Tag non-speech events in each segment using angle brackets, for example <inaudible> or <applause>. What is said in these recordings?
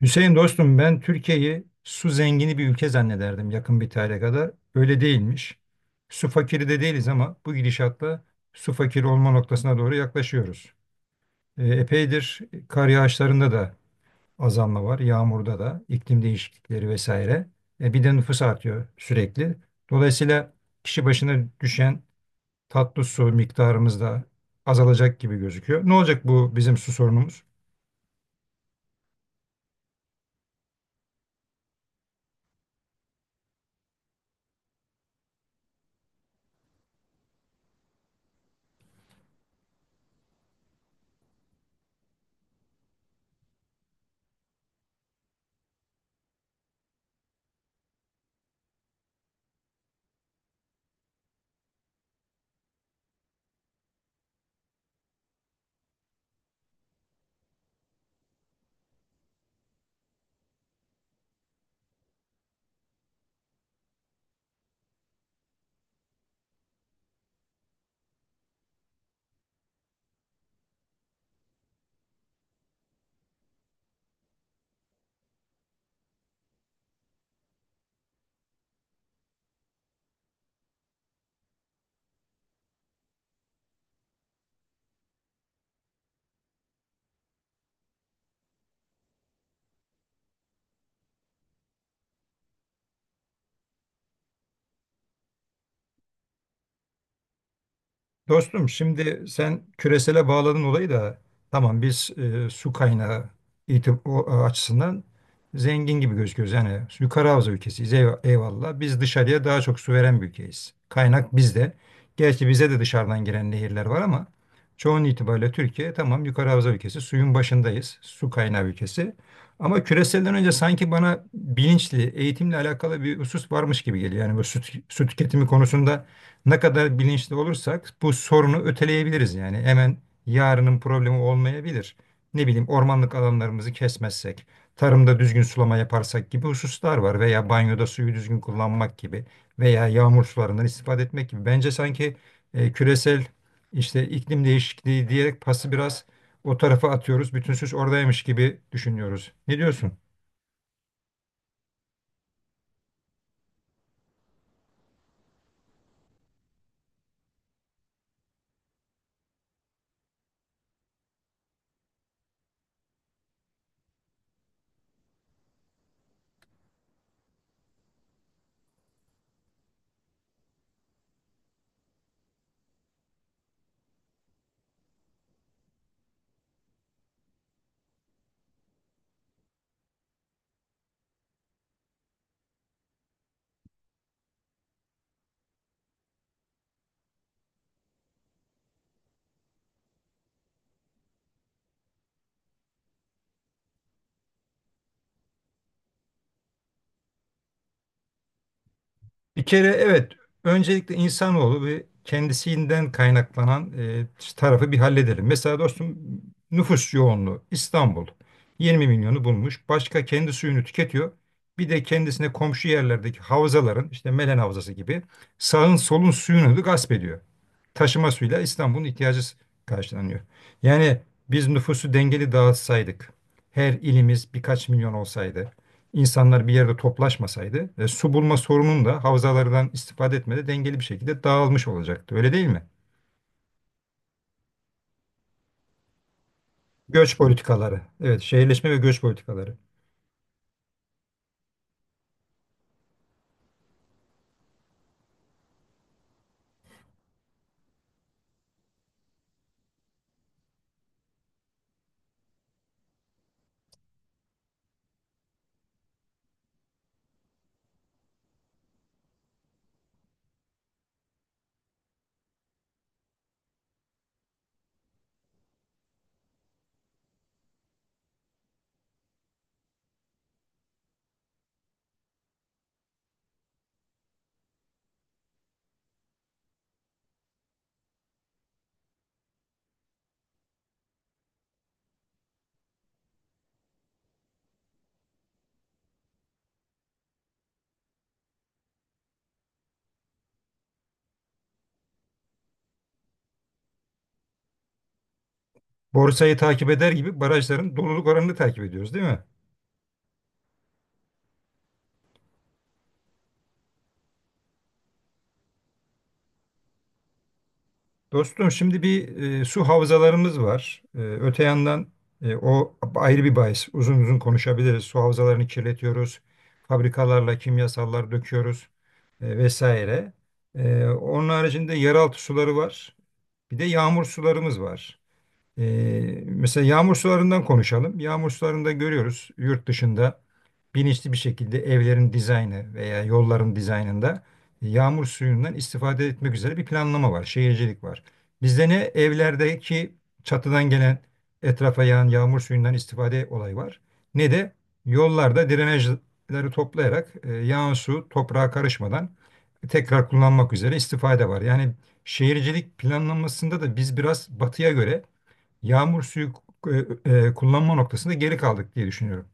Hüseyin dostum ben Türkiye'yi su zengini bir ülke zannederdim yakın bir tarihe kadar. Öyle değilmiş. Su fakiri de değiliz ama bu gidişatla su fakiri olma noktasına doğru yaklaşıyoruz. Epeydir kar yağışlarında da azalma var, yağmurda da, iklim değişiklikleri vesaire. Bir de nüfus artıyor sürekli. Dolayısıyla kişi başına düşen tatlı su miktarımız da azalacak gibi gözüküyor. Ne olacak bu bizim su sorunumuz? Dostum şimdi sen küresele bağladın olayı da tamam biz su kaynağı açısından zengin gibi gözüküyoruz. Yani yukarı havza ülkesiyiz eyvallah. Biz dışarıya daha çok su veren bir ülkeyiz. Kaynak bizde. Gerçi bize de dışarıdan giren nehirler var ama çoğun itibariyle Türkiye tamam yukarı havza ülkesi suyun başındayız. Su kaynağı ülkesi. Ama küreselden önce sanki bana bilinçli eğitimle alakalı bir husus varmış gibi geliyor. Yani bu su, su tüketimi konusunda ne kadar bilinçli olursak bu sorunu öteleyebiliriz yani. Hemen yarının problemi olmayabilir. Ne bileyim ormanlık alanlarımızı kesmezsek, tarımda düzgün sulama yaparsak gibi hususlar var veya banyoda suyu düzgün kullanmak gibi veya yağmur sularından istifade etmek gibi. Bence sanki küresel işte iklim değişikliği diyerek pası biraz o tarafa atıyoruz. Bütün suç oradaymış gibi düşünüyoruz. Ne diyorsun? Bir kere evet, öncelikle insanoğlu ve kendisinden kaynaklanan tarafı bir halledelim. Mesela dostum nüfus yoğunluğu İstanbul 20 milyonu bulmuş. Başka kendi suyunu tüketiyor. Bir de kendisine komşu yerlerdeki havzaların işte Melen Havzası gibi sağın solun suyunu da gasp ediyor. Taşıma suyuyla İstanbul'un ihtiyacı karşılanıyor. Yani biz nüfusu dengeli dağıtsaydık, her ilimiz birkaç milyon olsaydı, insanlar bir yerde toplaşmasaydı su bulma sorunun da havzalardan istifade etmede dengeli bir şekilde dağılmış olacaktı. Öyle değil mi? Göç politikaları. Evet, şehirleşme ve göç politikaları. Borsayı takip eder gibi barajların doluluk oranını takip ediyoruz, değil mi? Dostum şimdi bir su havzalarımız var. Öte yandan o ayrı bir bahis. Uzun uzun konuşabiliriz. Su havzalarını kirletiyoruz. Fabrikalarla kimyasallar döküyoruz vesaire. Onun haricinde yeraltı suları var. Bir de yağmur sularımız var. Mesela yağmur sularından konuşalım. Yağmur sularında görüyoruz yurt dışında bilinçli bir şekilde evlerin dizaynı veya yolların dizaynında yağmur suyundan istifade etmek üzere bir planlama var, şehircilik var. Bizde ne evlerdeki çatıdan gelen etrafa yağan yağmur suyundan istifade olayı var, ne de yollarda drenajları toplayarak yağan su toprağa karışmadan tekrar kullanmak üzere istifade var. Yani şehircilik planlanmasında da biz biraz batıya göre yağmur suyu kullanma noktasında geri kaldık diye düşünüyorum.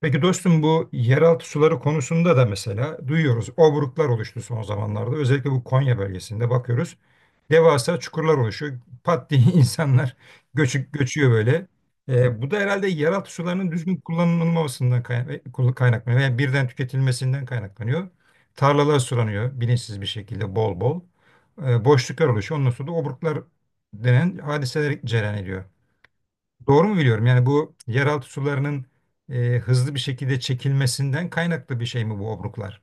Peki dostum bu yeraltı suları konusunda da mesela duyuyoruz. Obruklar oluştu son zamanlarda. Özellikle bu Konya bölgesinde bakıyoruz. Devasa çukurlar oluşuyor. Pat diye <laughs> insanlar göçüyor böyle. Bu da herhalde yeraltı sularının düzgün kullanılmamasından kaynaklanıyor. Yani birden tüketilmesinden kaynaklanıyor. Tarlalar sulanıyor bilinçsiz bir şekilde bol bol. Boşluklar oluşuyor. Ondan sonra da obruklar denen hadiseler cereyan ediyor. Doğru mu biliyorum? Yani bu yeraltı sularının hızlı bir şekilde çekilmesinden kaynaklı bir şey mi bu obruklar?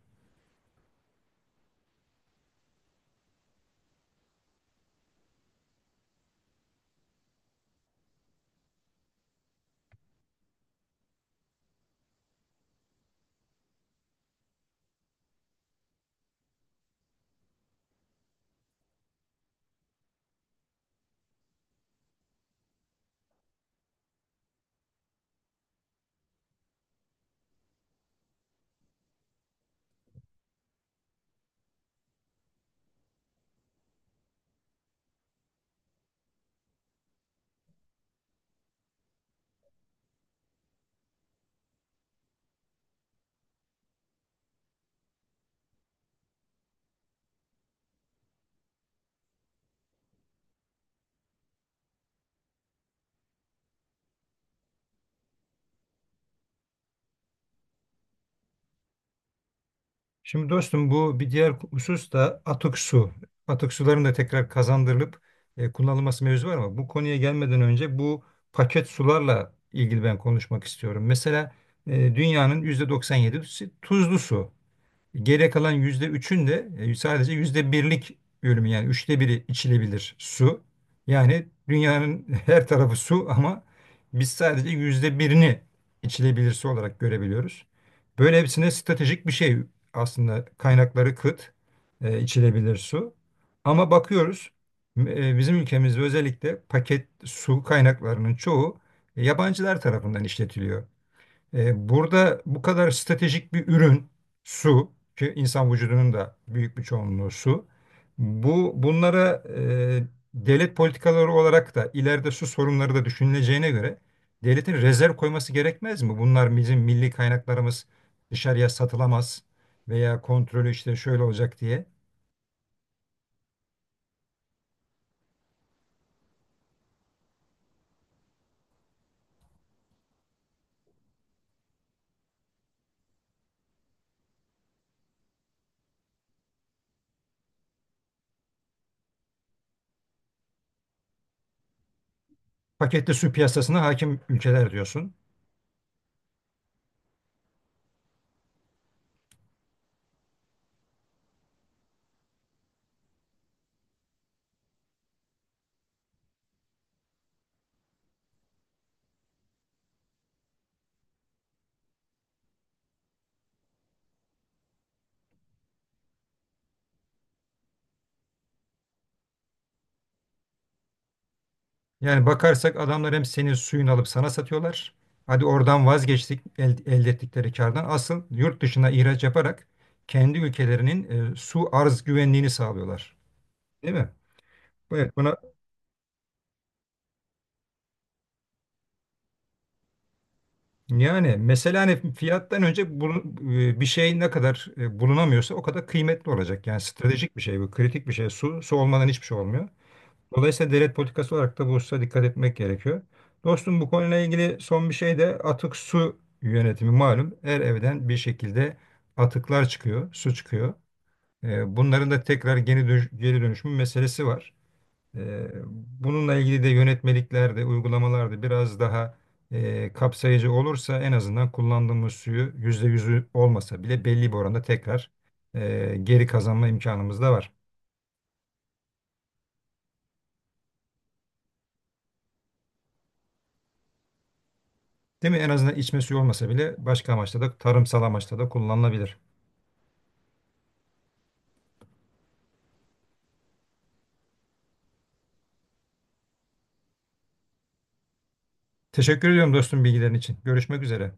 Şimdi dostum bu bir diğer husus da atık su. Atık suların da tekrar kazandırılıp kullanılması mevzu var ama bu konuya gelmeden önce bu paket sularla ilgili ben konuşmak istiyorum. Mesela dünyanın %97'si tuzlu su. Geriye kalan %3'ün de sadece %1'lik bölümü yani üçte biri içilebilir su. Yani dünyanın <laughs> her tarafı su ama biz sadece %1'ini içilebilir su olarak görebiliyoruz. Böyle hepsine stratejik bir şey aslında kaynakları kıt içilebilir su. Ama bakıyoruz bizim ülkemizde özellikle paket su kaynaklarının çoğu yabancılar tarafından işletiliyor. Burada bu kadar stratejik bir ürün su ki insan vücudunun da büyük bir çoğunluğu su. Bu bunlara devlet politikaları olarak da ileride su sorunları da düşünüleceğine göre devletin rezerv koyması gerekmez mi? Bunlar bizim milli kaynaklarımız dışarıya satılamaz veya kontrolü işte şöyle olacak diye. Paketli su piyasasına hakim ülkeler diyorsun. Yani bakarsak adamlar hem senin suyunu alıp sana satıyorlar. Hadi oradan vazgeçtik elde ettikleri kardan. Asıl yurt dışına ihraç yaparak kendi ülkelerinin su arz güvenliğini sağlıyorlar. Değil mi? Evet buna yani mesela hani fiyattan önce bunu, bir şey ne kadar bulunamıyorsa o kadar kıymetli olacak. Yani stratejik bir şey bu, kritik bir şey. Su, su olmadan hiçbir şey olmuyor. Dolayısıyla devlet politikası olarak da bu hususa dikkat etmek gerekiyor. Dostum bu konuyla ilgili son bir şey de atık su yönetimi malum. Her evden bir şekilde atıklar çıkıyor, su çıkıyor. Bunların da tekrar geri dönüşüm meselesi var. Ee, bununla ilgili de yönetmeliklerde, uygulamalarda biraz daha kapsayıcı olursa en azından kullandığımız suyu %100'ü olmasa bile belli bir oranda tekrar geri kazanma imkanımız da var. Değil mi? En azından içme suyu olmasa bile başka amaçla da tarımsal amaçla da kullanılabilir. Teşekkür ediyorum dostum bilgilerin için. Görüşmek üzere.